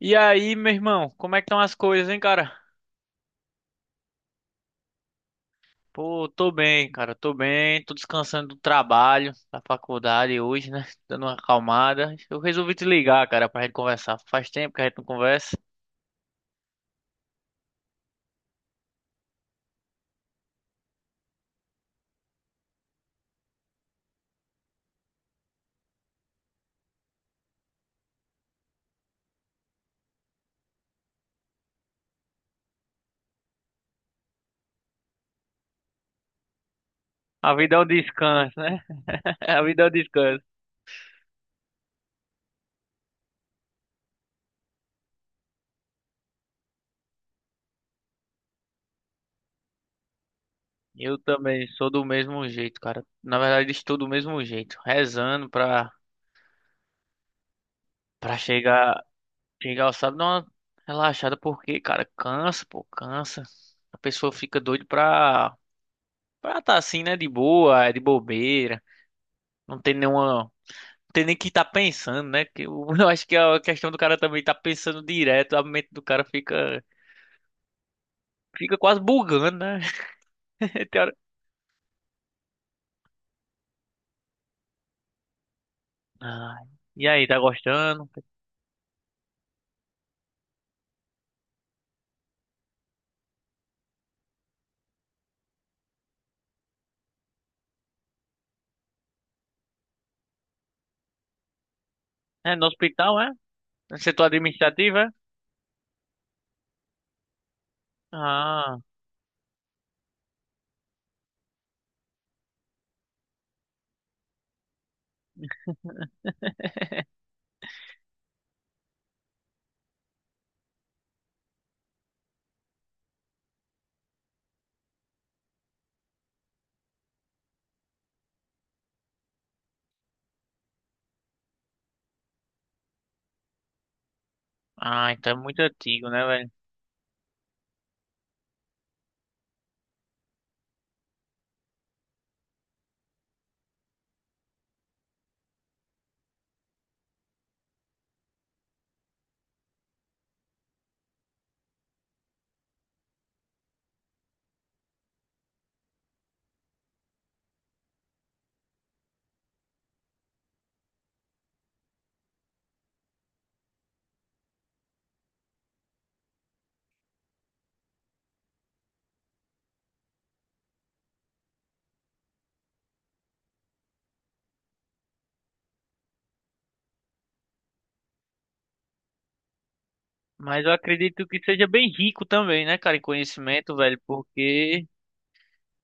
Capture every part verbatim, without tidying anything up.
E aí, meu irmão, como é que estão as coisas, hein, cara? Pô, tô bem, cara, tô bem, tô descansando do trabalho, da faculdade hoje, né? Dando uma acalmada. Eu resolvi te ligar, cara, pra gente conversar. Faz tempo que a gente não conversa. A vida é um descanso, né? A vida é um descanso. Eu também sou do mesmo jeito, cara. Na verdade, estou do mesmo jeito, rezando pra, pra chegar, chegar ao sábado, dar uma relaxada, porque, cara, cansa, pô, cansa. A pessoa fica doida pra. Pra tá assim, né? De boa, é de bobeira. Não tem nenhuma. Não tem nem que tá pensando, né? Que eu, eu acho que a questão do cara também tá pensando direto. A mente do cara fica. Fica quase bugando, né? Tem hora- Ah, e aí, tá gostando? É, no hospital, é? No setor administrativo, é? Ah, ah, então é muito antigo, né, velho? Mas eu acredito que seja bem rico também, né, cara, em conhecimento, velho, porque.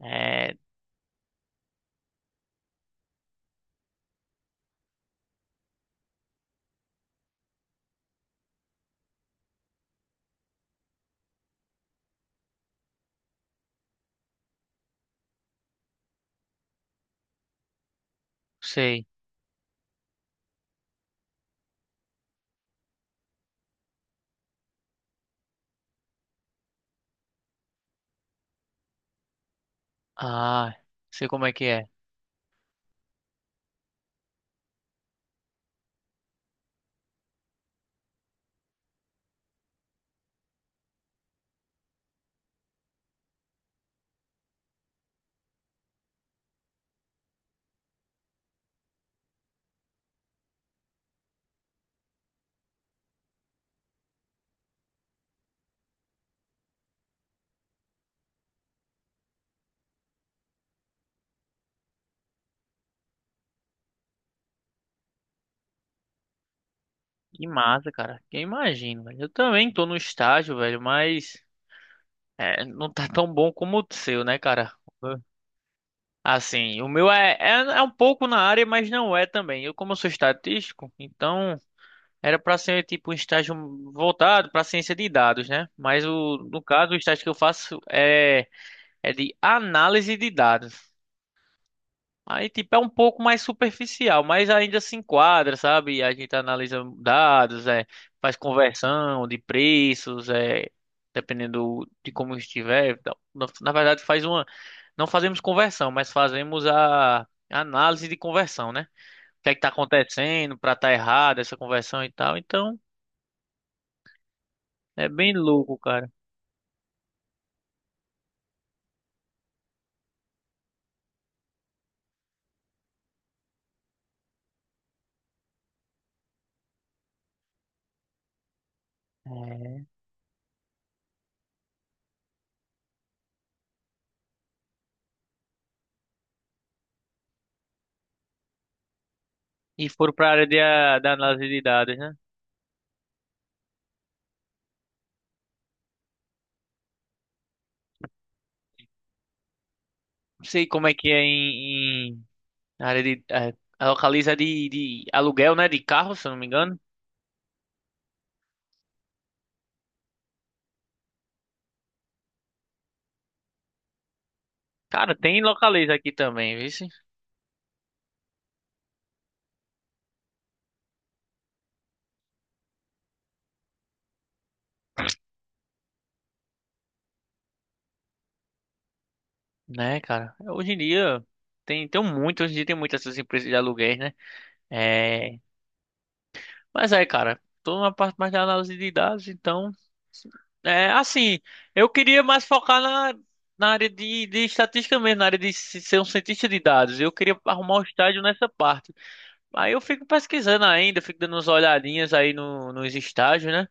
É, não sei. Ah, sei como é que é. Que massa, cara. Que eu imagino, velho. Eu também tô no estágio, velho, mas é, não tá tão bom como o seu, né, cara? Assim, o meu é, é, é um pouco na área, mas não é também. Eu, como eu sou estatístico, então era pra ser tipo um estágio voltado pra ciência de dados, né? Mas o, no caso, o estágio que eu faço é, é de análise de dados. Aí, tipo, é um pouco mais superficial, mas ainda se enquadra, sabe? A gente analisa dados, é, faz conversão de preços, é, dependendo de como estiver. e Na na verdade, faz uma, não fazemos conversão, mas fazemos a análise de conversão, né? O que é que tá acontecendo para tá errado essa conversão e tal. Então, é bem louco, cara. E foram para a área de, a- da análise de dados, né? Não sei como é que é em, em a área de, é, a Localiza de, de aluguel, né? De carro, se eu não me engano. Cara, tem Localiza aqui também, viu? Né, cara? Hoje em dia tem, tem muito, hoje em dia tem muitas essas empresas de aluguéis, né? É, mas aí, cara, tô na parte mais da análise de dados, então. É assim, eu queria mais focar na, na área de, de estatística mesmo, na área de se- ser um cientista de dados. Eu queria arrumar um estágio nessa parte. Aí eu fico pesquisando ainda, fico dando umas olhadinhas aí no, nos estágios, né?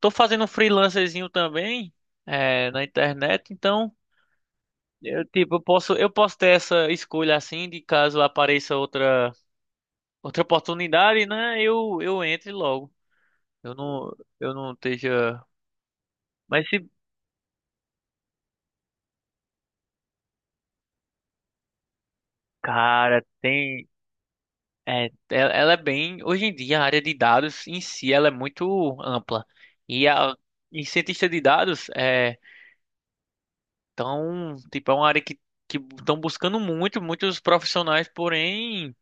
Tô fazendo um freelancerzinho também, é, na internet, então eu tipo, eu posso eu posso ter essa escolha assim de caso apareça outra outra oportunidade, né? Eu eu entre logo. Eu não eu não esteja, mas se cara, tem é, ela ela é bem, hoje em dia a área de dados em si ela é muito ampla. E a e cientista de dados é tão, tipo, é uma área que que estão buscando muito, muitos profissionais, porém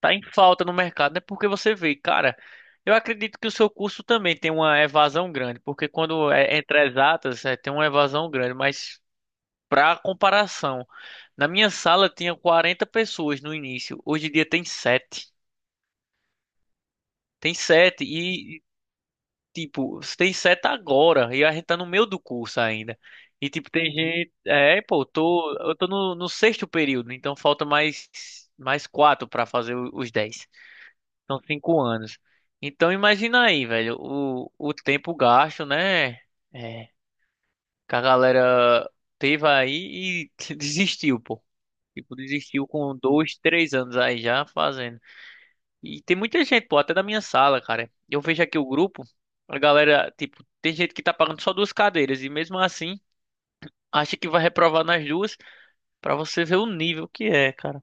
tá em falta no mercado, né? Porque você vê, cara, eu acredito que o seu curso também tem uma evasão grande, porque quando é entre exatas, é, tem uma evasão grande, mas para comparação, na minha sala tinha quarenta pessoas no início, hoje em dia tem sete. Tem sete e tipo, tem sete agora e a gente tá no meio do curso ainda. E tipo, tem gente, é, pô, eu tô, eu tô no, no sexto período, então falta mais mais quatro para fazer o- os dez. São cinco anos. Então imagina aí, velho, o, o tempo gasto, né? É, que a galera teve aí e desistiu, pô. Tipo, desistiu com dois, três anos aí já fazendo. E tem muita gente, pô, até da minha sala, cara. Eu vejo aqui o grupo, a galera, tipo, tem gente que tá pagando só duas cadeiras e mesmo assim acha que vai reprovar nas duas pra você ver o nível que é, cara.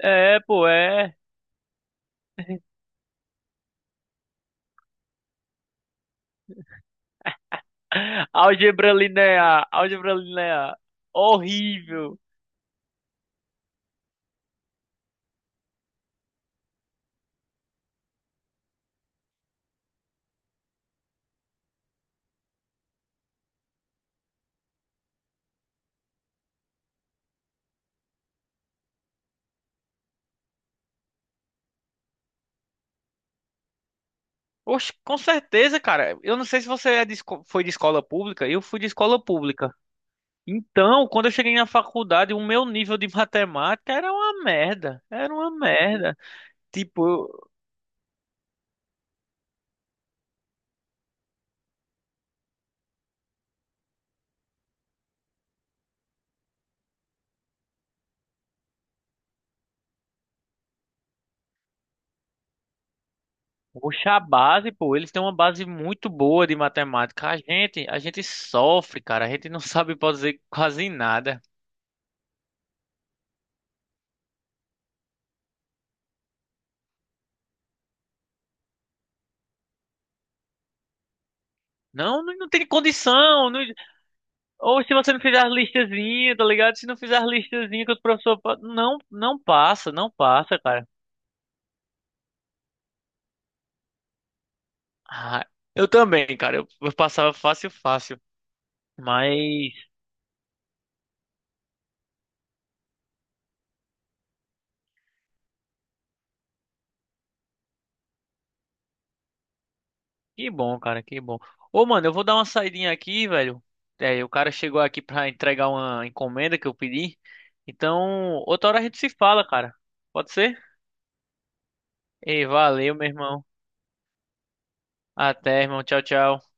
É, pô, é. Álgebra linear, álgebra linear. Horrível. Oxe, com certeza, cara. Eu não sei se você é de esco- foi de escola pública, eu fui de escola pública. Então, quando eu cheguei na faculdade, o meu nível de matemática era uma merda. Era uma merda. Tipo, eu- Oxe, a base, pô, eles têm uma base muito boa de matemática. A gente, a gente sofre, cara. A gente não sabe fazer quase nada. Não, não, não tem condição. Não- Ou se você não fizer as listazinhas, tá ligado? Se não fizer as listazinhas que o professor. Pa- Não, não passa, não passa, cara. Ah, eu também, cara. Eu, eu passava fácil, fácil. Mas que bom, cara, que bom. Ô, mano, eu vou dar uma saidinha aqui, velho. É, o cara chegou aqui pra entregar uma encomenda que eu pedi. Então, outra hora a gente se fala, cara. Pode ser? Ei, valeu, meu irmão. Até, irmão. Tchau, tchau.